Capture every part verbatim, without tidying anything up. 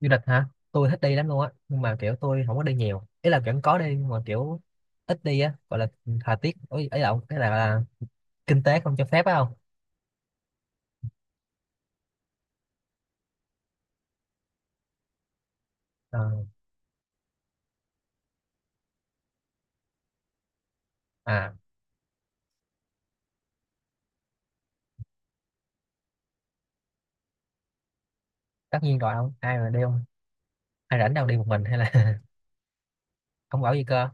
Du lịch hả? Tôi thích đi lắm luôn á, nhưng mà kiểu tôi không có đi nhiều. Ý là vẫn có đi nhưng mà kiểu ít đi á, gọi là thời tiết ấy ấy là cái là, là kinh tế không cho phép phải không? Ờ, à, Tất nhiên rồi, không ai mà đi không? Ai rảnh đâu đi một mình hay là không bảo gì cơ?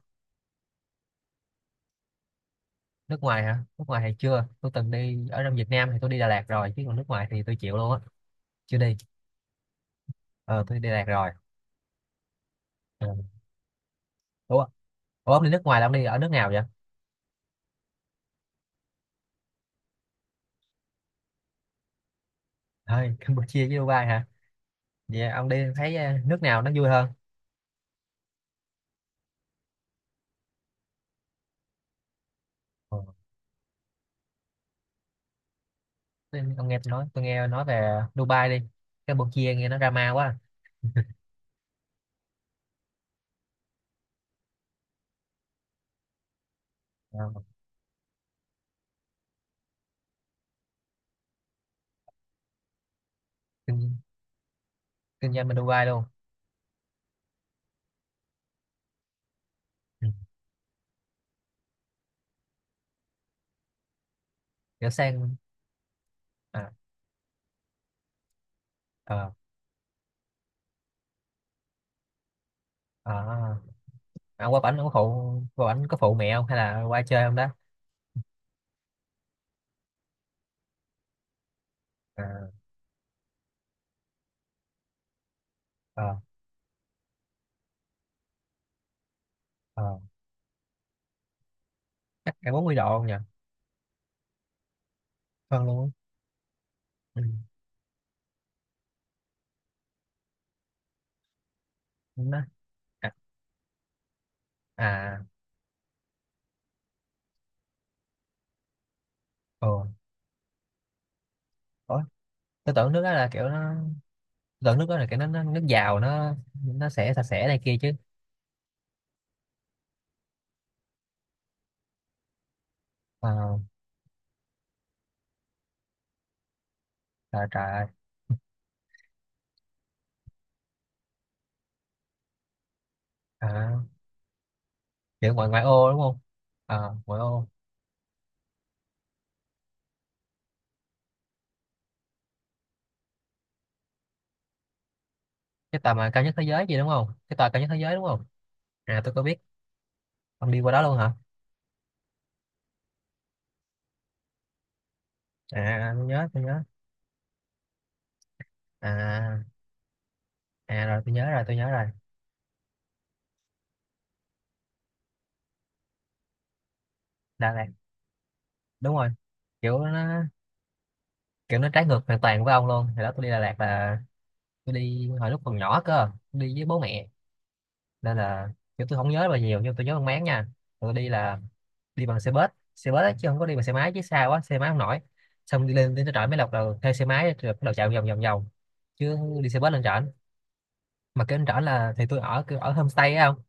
Nước ngoài hả? Nước ngoài thì chưa, tôi từng đi ở trong Việt Nam thì tôi đi Đà Lạt rồi, chứ còn nước ngoài thì tôi chịu luôn á, chưa đi. Ờ, tôi đi Đà Lạt rồi. Ờ. Ủa. Ủa ông đi nước ngoài là ông đi ở nước nào vậy? Thôi, Campuchia với Dubai hả? Vậy ông đi thấy ờ, nước nào nó vui hơn? Ờ. Nên ông nghe tôi nói, tôi nghe nói về Dubai đi. Campuchia nghe nó drama quá. À, kinh, kinh doanh bên Dubai luôn. Ừ, kiểu sang. À. ờ, à, à, qua bển ông có phụ, qua bển có phụ mẹ không hay là qua chơi không đó? à, ờ, ờ, chắc cả bốn mươi độ không nhỉ? Hơn luôn á. Ừ. Đúng đó. À, à. Ờ. Ủa, tôi tưởng nước đó là kiểu nó, tôi tưởng nước đó là kiểu nó, nó nước giàu, nó nó sẽ sạch sẽ này kia chứ. Ờ, trời trời. À, kiểu ngoại ngoại ô đúng không? Ờ, ngoại ô. Cái tòa mà cao nhất thế giới gì đúng không, cái tòa cao nhất thế giới đúng không? À tôi có biết. Ông đi qua đó luôn hả? À tôi nhớ, tôi nhớ. À à, rồi tôi nhớ rồi, tôi nhớ rồi. Đà Lạt, đúng rồi. Kiểu nó kiểu nó trái ngược hoàn toàn với ông luôn. Hồi đó tôi đi Đà Lạt là tôi đi hồi lúc còn nhỏ cơ, tôi đi với bố mẹ, nên là kiểu tôi không nhớ bao nhiêu nhưng tôi nhớ mang máng nha. Tôi đi là đi bằng xe bus, xe bus á, chứ không có đi bằng xe máy, chứ xa quá xe máy không nổi. Xong đi lên đến trên trển mới lọc là thuê xe máy rồi bắt đầu chạy vòng vòng vòng chứ. Đi xe bus lên trển mà cái anh rõ là thì tôi ở kiểu ở homestay á không,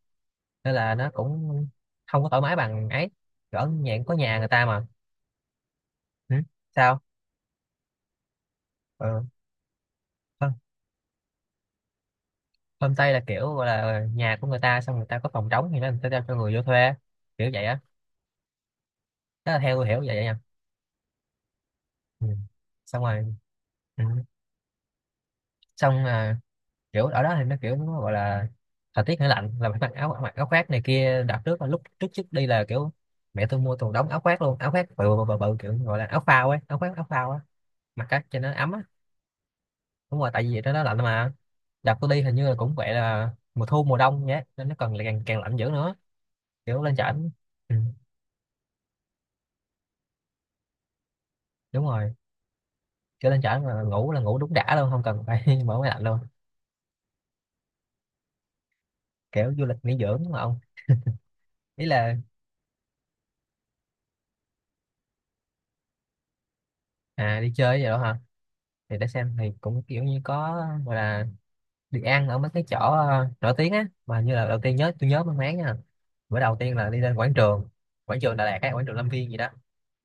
nên là nó cũng không có thoải mái bằng ấy, ở nhà có nhà người ta mà. Ừ. Sao. Ừ. Ho- Homestay là kiểu gọi là nhà của người ta, xong người ta có phòng trống thì nó người ta cho cho người vô thuê, kiểu vậy á. Đó là theo tôi hiểu vậy nha. Ừ. Xong rồi. Ừ. Xong à, kiểu ở đó thì nó kiểu nó gọi là thời tiết nó lạnh là phải mặc áo mặc áo khoác này kia. Đợt trước là lúc trước trước đi là kiểu mẹ tôi mua toàn đống áo khoác luôn, áo khoác bự bự bự, bự kiểu gọi là áo phao ấy, áo khoác áo phao á, mặc cái cho nó ấm á. Đúng rồi, tại vì trên đó lạnh mà. Đợt tôi đi hình như là cũng vậy là mùa thu mùa đông nhé, nên nó còn lại càng càng lạnh dữ nữa. Kiểu lên trển. Ừ, đúng rồi. Kiểu lên trển mà ngủ là ngủ đúng đã luôn, không cần phải mở máy lạnh luôn. Kiểu du lịch nghỉ dưỡng mà ông. Ý là. À đi chơi vậy đó hả? Thì để xem thì cũng kiểu như có gọi là đi ăn ở mấy cái chỗ ờ, nổi tiếng á. Mà như là đầu tiên nhớ, tôi nhớ mang máng nha, bữa đầu tiên là đi lên quảng trường, quảng trường Đà Lạt, cái quảng trường Lâm Viên gì đó.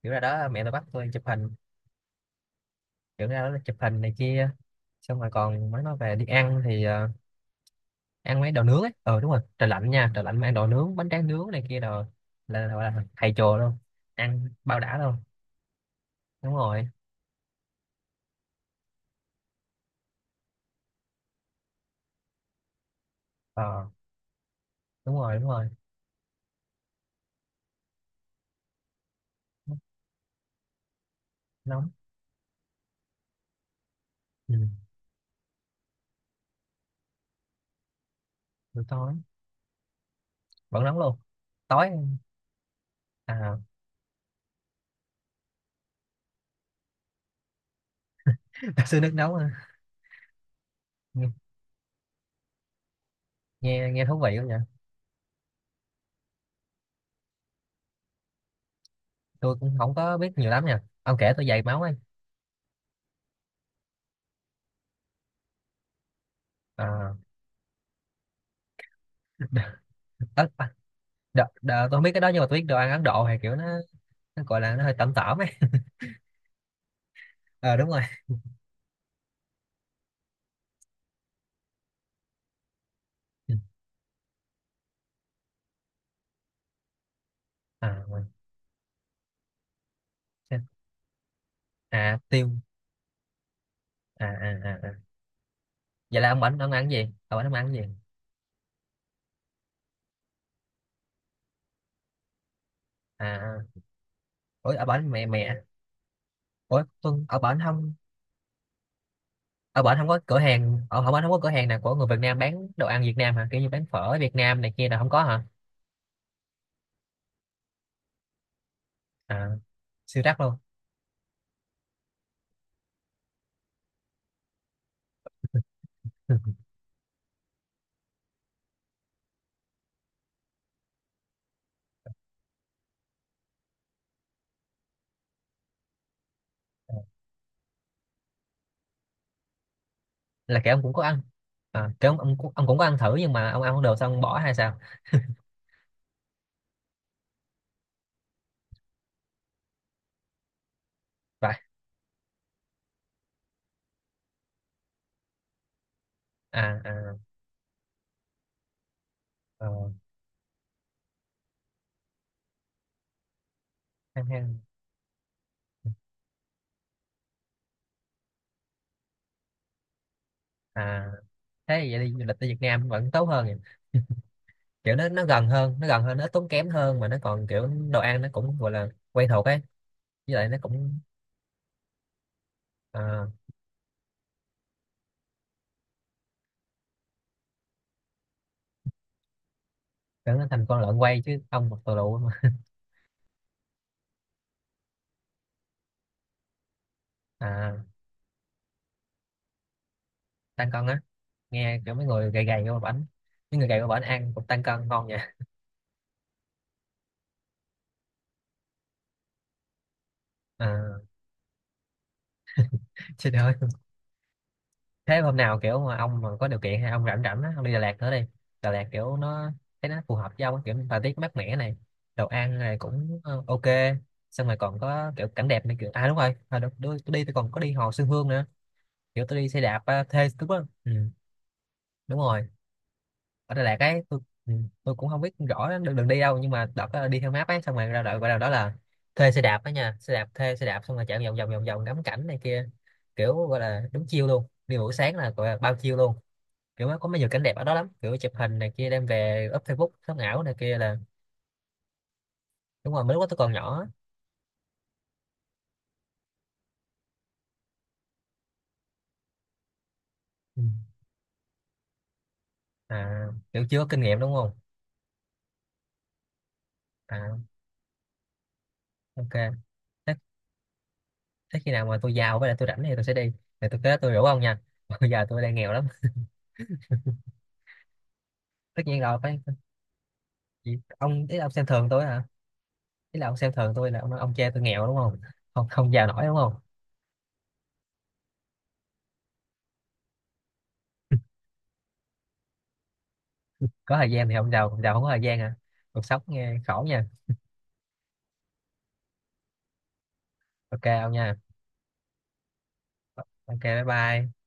Kiểu ra đó mẹ tôi bắt tôi chụp hình, kiểu ra đó chụp hình này kia. Xong rồi còn mới nói về đi ăn thì ờ, ăn mấy đồ nướng ấy. Ờ đúng rồi, trời lạnh nha, trời lạnh mà ăn đồ nướng, bánh tráng nướng này kia đồ, là gọi là thầy chùa luôn. Ăn bao đã luôn. Đúng rồi. Ờ đúng rồi, đúng rồi. Nóng. Ừ. Buổi tối vẫn nóng luôn. Tối. À. Sư nước nóng à. Nghe nghe Nghe thú vị quá nhỉ. Tôi cũng không có biết nhiều lắm nha, ông kể tôi dày máu ấy. À, đ, đ, đ, tôi không biết cái đó, nhưng mà tôi biết đồ ăn Ấn Độ hay kiểu nó nó gọi là nó hơi tẩm tẩm ấy. Ờ đúng rồi. À mà. chắc- À tiêu. À à à à. Vậy là ông bển ông ăn cái gì, ở bển ông ăn cái gì? À à. ủa ở bển mẹ mẹ ủa Tuân ở bển không? Ở bển không có cửa hàng, ở, ở bển không có cửa hàng nào của người Việt Nam bán đồ ăn Việt Nam hả, kiểu như bán phở Việt Nam này kia là không có hả? À siêu rắc luôn. Là kiểu ông cũng có ăn. À, kiểu ông, ông cũng- ông cũng có ăn thử nhưng mà ông ăn không được xong ông bỏ hay sao? Vậy. À à. Ờ, hang hang. À thế thì vậy đi du lịch tới Việt Nam vẫn tốt hơn nhỉ, kiểu nó nó gần hơn nó gần hơn, nó ít tốn kém hơn, mà nó còn kiểu đồ ăn nó cũng gọi là quen thuộc ấy, với lại nó cũng. À, kiểu nó thành con lợn quay chứ không một tù lụ mà. À, tăng cân á? Nghe kiểu mấy người gầy gầy vô bển mấy người gầy vô bển ăn cũng tăng cân ngon nha. À, xin ơi. Thế hôm nào kiểu mà ông mà có điều kiện hay ông rảnh rảnh á ông đi Đà Lạt nữa đi. Đà Lạt kiểu nó, thấy nó phù hợp với ông á, kiểu thời tiết mát mẻ này, đồ ăn này cũng ờ, ok. Xong rồi còn có kiểu cảnh đẹp này kiểu. À đúng rồi hồi đó tôi đi, tôi còn có đi hồ Xuân Hương nữa, kiểu tôi đi xe đạp à, thuê đúng đó. Ừ, đúng rồi, ở Đà Lạt ấy. tôi, ừ, tôi cũng không biết rõ đường, đường đi đâu, nhưng mà đợt đó đi theo map ấy, xong rồi ra đợi vào là đó là thuê xe đạp ấy nha, xe đạp thuê xe đạp xong rồi chạy vòng vòng vòng vòng ngắm cảnh này kia, kiểu gọi là đúng chiêu luôn. Đi buổi sáng là gọi là bao chiêu luôn. Kiểu nó có mấy nhiều cảnh đẹp ở đó lắm, kiểu chụp hình này kia đem về up Facebook sống ảo này kia là. Đúng rồi, mới lúc đó tôi còn nhỏ á. Ừ. À kiểu chưa có kinh nghiệm đúng không? À ok. thế, Thế khi nào mà tôi giàu với lại tôi rảnh thì tôi sẽ đi, thì tôi kế tôi rủ ông nha. Bây giờ tôi đang nghèo lắm. Tất nhiên rồi phải. Chị- ông ý là ông xem thường tôi hả? Ý là ông xem thường tôi là ông nói ông cha tôi nghèo đúng không, không không giàu nổi đúng không? Có thời gian thì ông giàu còn giàu không có thời gian hả? Cuộc sống nghe khổ nha. Ok ông nha. Ok bye bye.